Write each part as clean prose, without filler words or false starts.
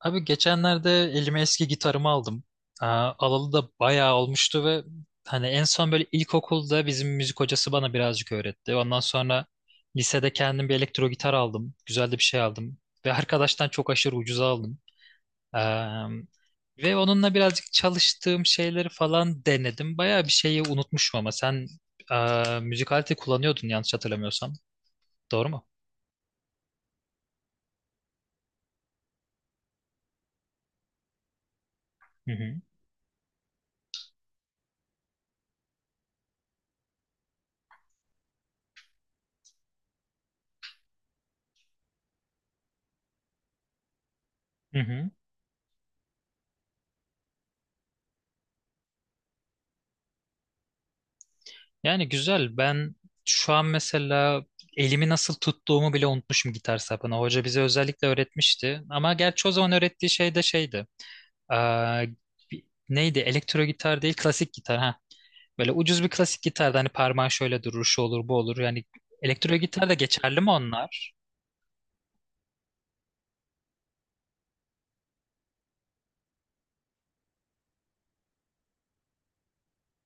Abi geçenlerde elime eski gitarımı aldım. Aa, alalı da bayağı olmuştu ve hani en son böyle ilkokulda bizim müzik hocası bana birazcık öğretti. Ondan sonra lisede kendim bir elektro gitar aldım. Güzel de bir şey aldım. Ve arkadaştan çok aşırı ucuza aldım. Eee, ve onunla birazcık çalıştığım şeyleri falan denedim. Bayağı bir şeyi unutmuşum ama sen müzik aleti kullanıyordun yanlış hatırlamıyorsam. Doğru mu? Hı hı. Hı hı. Yani güzel. Ben şu an mesela elimi nasıl tuttuğumu bile unutmuşum gitar sapına. Hoca bize özellikle öğretmişti. Ama gerçi o zaman öğrettiği şey de şeydi. Aa, neydi? Elektro gitar değil, klasik gitar. Ha. Böyle ucuz bir klasik gitarda hani parmağın şöyle durur, şu olur, bu olur. Yani elektro gitar da geçerli mi onlar?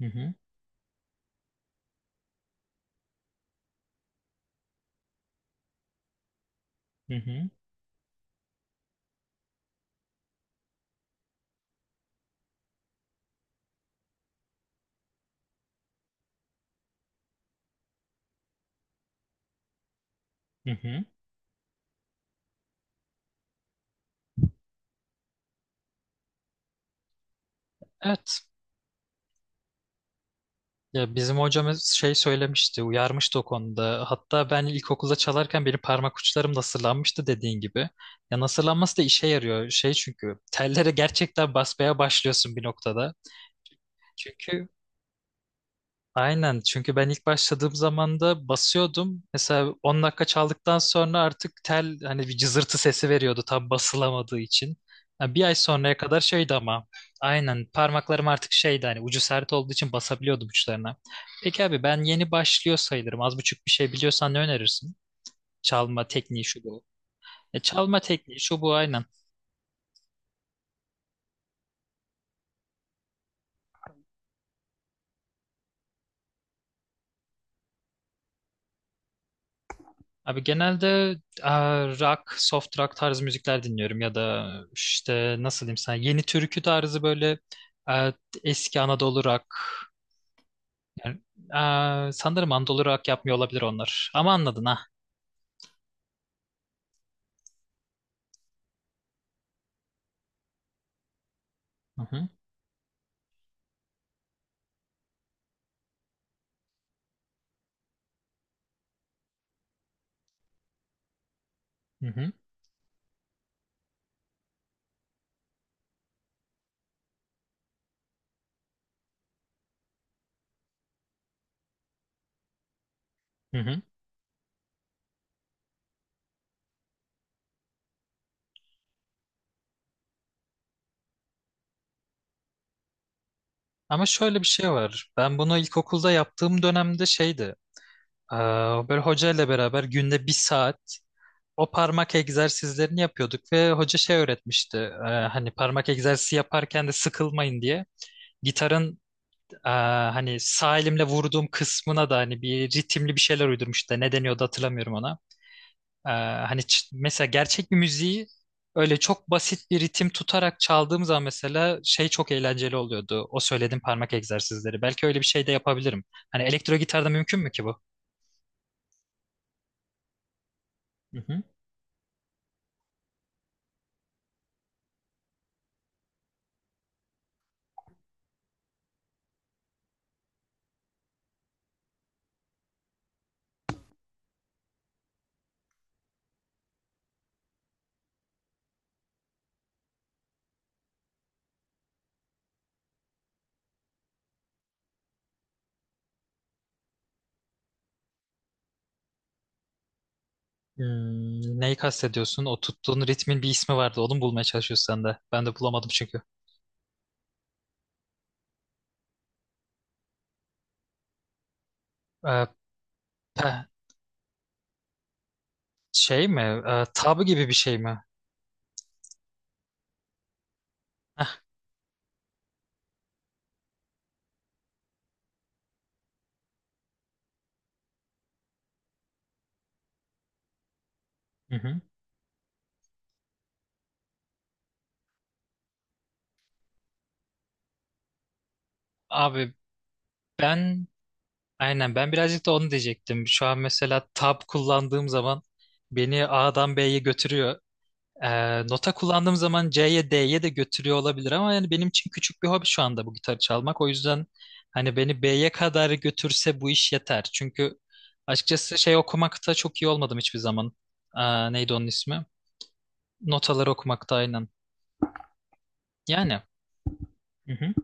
Hı hı, hı hı, hı hı. Evet. Ya bizim hocamız şey söylemişti, uyarmıştı o konuda. Hatta ben ilkokulda çalarken benim parmak uçlarım nasırlanmıştı dediğin gibi. Ya nasırlanması da işe yarıyor. Şey çünkü tellere gerçekten basmaya başlıyorsun bir noktada. Çünkü Aynen çünkü ben ilk başladığım zaman da basıyordum. Mesela 10 dakika çaldıktan sonra artık tel hani bir cızırtı sesi veriyordu tam basılamadığı için. Yani bir ay sonraya kadar şeydi ama aynen parmaklarım artık şeydi hani ucu sert olduğu için basabiliyordum uçlarına. Peki abi ben yeni başlıyor sayılırım. Az buçuk bir şey biliyorsan ne önerirsin? Çalma tekniği şu bu. Çalma tekniği şu bu aynen. Abi genelde e, rock, soft rock tarzı müzikler dinliyorum ya da işte nasıl diyeyim sana yeni türkü tarzı böyle e, eski Anadolu rock. Yani, sanırım Anadolu rock yapmıyor olabilir onlar. Ama anladın ha. Hı hı, hı hı, hı hı. Ama şöyle bir şey var. Ben bunu ilkokulda yaptığım dönemde şeydi. e, Böyle hoca ile beraber günde bir saat o parmak egzersizlerini yapıyorduk ve hoca şey öğretmişti. Hani parmak egzersizi yaparken de sıkılmayın diye gitarın hani sağ elimle vurduğum kısmına da hani bir ritimli bir şeyler uydurmuş da ne deniyordu hatırlamıyorum ona. Ee, Hani mesela gerçek bir müziği öyle çok basit bir ritim tutarak çaldığım zaman mesela şey çok eğlenceli oluyordu. O söylediğim parmak egzersizleri. Belki öyle bir şey de yapabilirim. Hani elektro gitarda mümkün mü ki bu? Hı hı. Hmm, neyi kastediyorsun? O tuttuğun ritmin bir ismi vardı. Onu mu bulmaya çalışıyorsun sen de. Ben de bulamadım çünkü. Ee, pe- şey mi? Tab gibi bir şey mi? Heh, hı hı. Abi ben Aynen ben birazcık da onu diyecektim. Şu an mesela tab kullandığım zaman beni A'dan B'ye götürüyor. Nota kullandığım zaman C'ye D'ye de götürüyor olabilir ama yani benim için küçük bir hobi şu anda bu gitarı çalmak. O yüzden hani beni B'ye kadar götürse bu iş yeter. Çünkü açıkçası şey okumakta çok iyi olmadım hiçbir zaman. Aa, neydi onun ismi? Notaları okumakta aynen. Yani. Hı hı.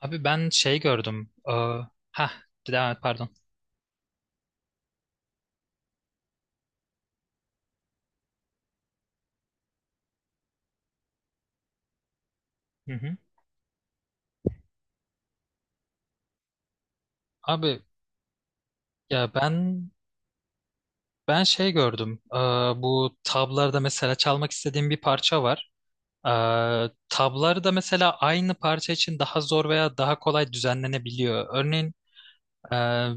Abi ben şey gördüm. Aa, ha, devam et pardon. Hı hı. Abi ya ben Ben şey gördüm. Bu tablarda mesela çalmak istediğim bir parça var. Ee, tablarda mesela aynı parça için daha zor veya daha kolay düzenlenebiliyor. Örneğin e,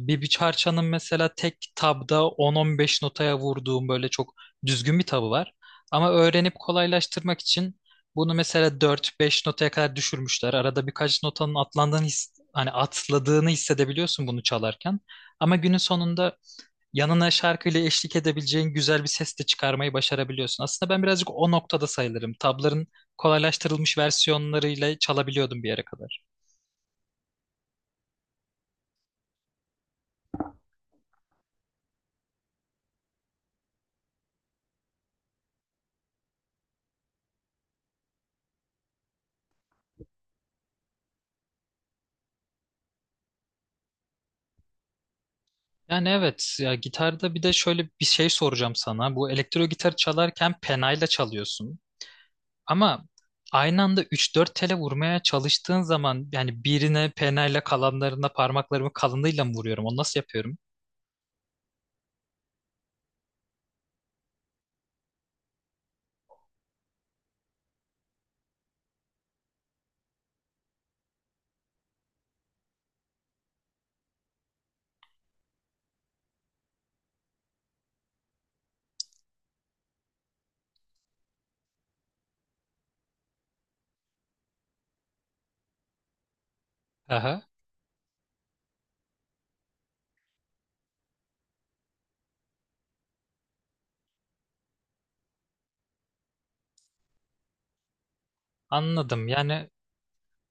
bir parçanın mesela tek tabda 10-15 notaya vurduğum böyle çok düzgün bir tabı var. Ama öğrenip kolaylaştırmak için bunu mesela 4-5 notaya kadar düşürmüşler. Arada birkaç notanın atlandığını hani atladığını hissedebiliyorsun bunu çalarken. Ama günün sonunda yanına şarkıyla eşlik edebileceğin güzel bir ses de çıkarmayı başarabiliyorsun. Aslında ben birazcık o noktada sayılırım. Tabların kolaylaştırılmış versiyonlarıyla çalabiliyordum bir yere kadar. Yani evet ya gitarda bir de şöyle bir şey soracağım sana. Bu elektro gitar çalarken penayla çalıyorsun. Ama aynı anda üç dört tele vurmaya çalıştığın zaman yani birine penayla kalanlarına parmaklarımı kalınlığıyla mı vuruyorum? Onu nasıl yapıyorum? Aha, anladım.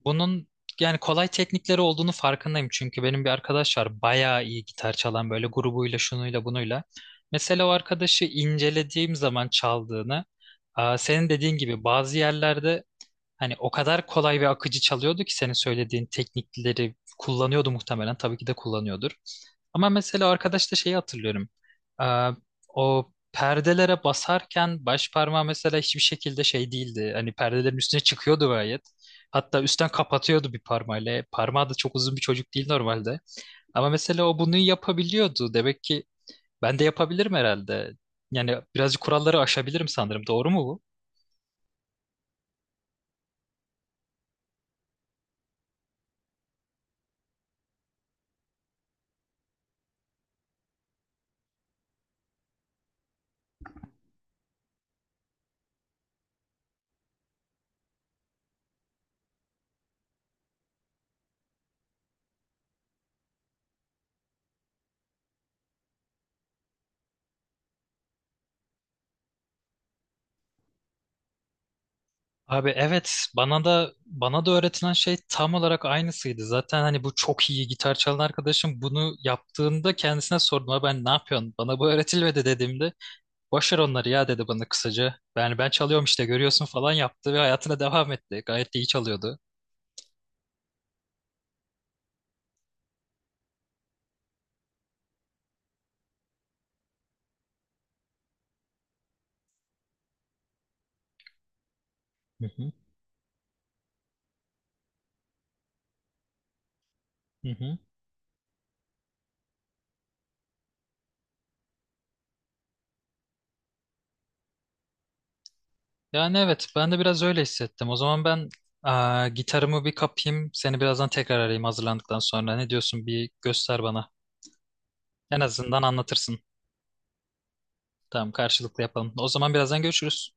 Bunun yani kolay teknikleri olduğunu farkındayım çünkü benim bir arkadaş var bayağı iyi gitar çalan böyle grubuyla şunuyla bunuyla. Mesela o arkadaşı incelediğim zaman çaldığını, aa, senin dediğin gibi bazı yerlerde hani o kadar kolay ve akıcı çalıyordu ki senin söylediğin teknikleri kullanıyordu muhtemelen. Tabii ki de kullanıyordur. Ama mesela arkadaşta şeyi hatırlıyorum. Ee, o perdelere basarken baş parmağı mesela hiçbir şekilde şey değildi. Hani perdelerin üstüne çıkıyordu gayet. Hatta üstten kapatıyordu bir parmağıyla. Parmağı da çok uzun bir çocuk değil normalde. Ama mesela o bunu yapabiliyordu. Demek ki ben de yapabilirim herhalde. Yani birazcık kuralları aşabilirim sanırım. Doğru mu bu? Abi evet bana da öğretilen şey tam olarak aynısıydı. Zaten hani bu çok iyi gitar çalan arkadaşım bunu yaptığında kendisine sordum. "Abi ben ne yapıyorsun? Bana bu öğretilmedi" dediğimde "boş ver onları ya" dedi bana kısaca. Yani ben çalıyorum işte görüyorsun falan yaptı ve hayatına devam etti. Gayet de iyi çalıyordu. Hı hı. Hı hı. Yani evet ben de biraz öyle hissettim. O zaman ben aa, gitarımı bir kapayım. Seni birazdan tekrar arayayım hazırlandıktan sonra. Ne diyorsun bir göster bana. En azından anlatırsın. Tamam karşılıklı yapalım. O zaman birazdan görüşürüz.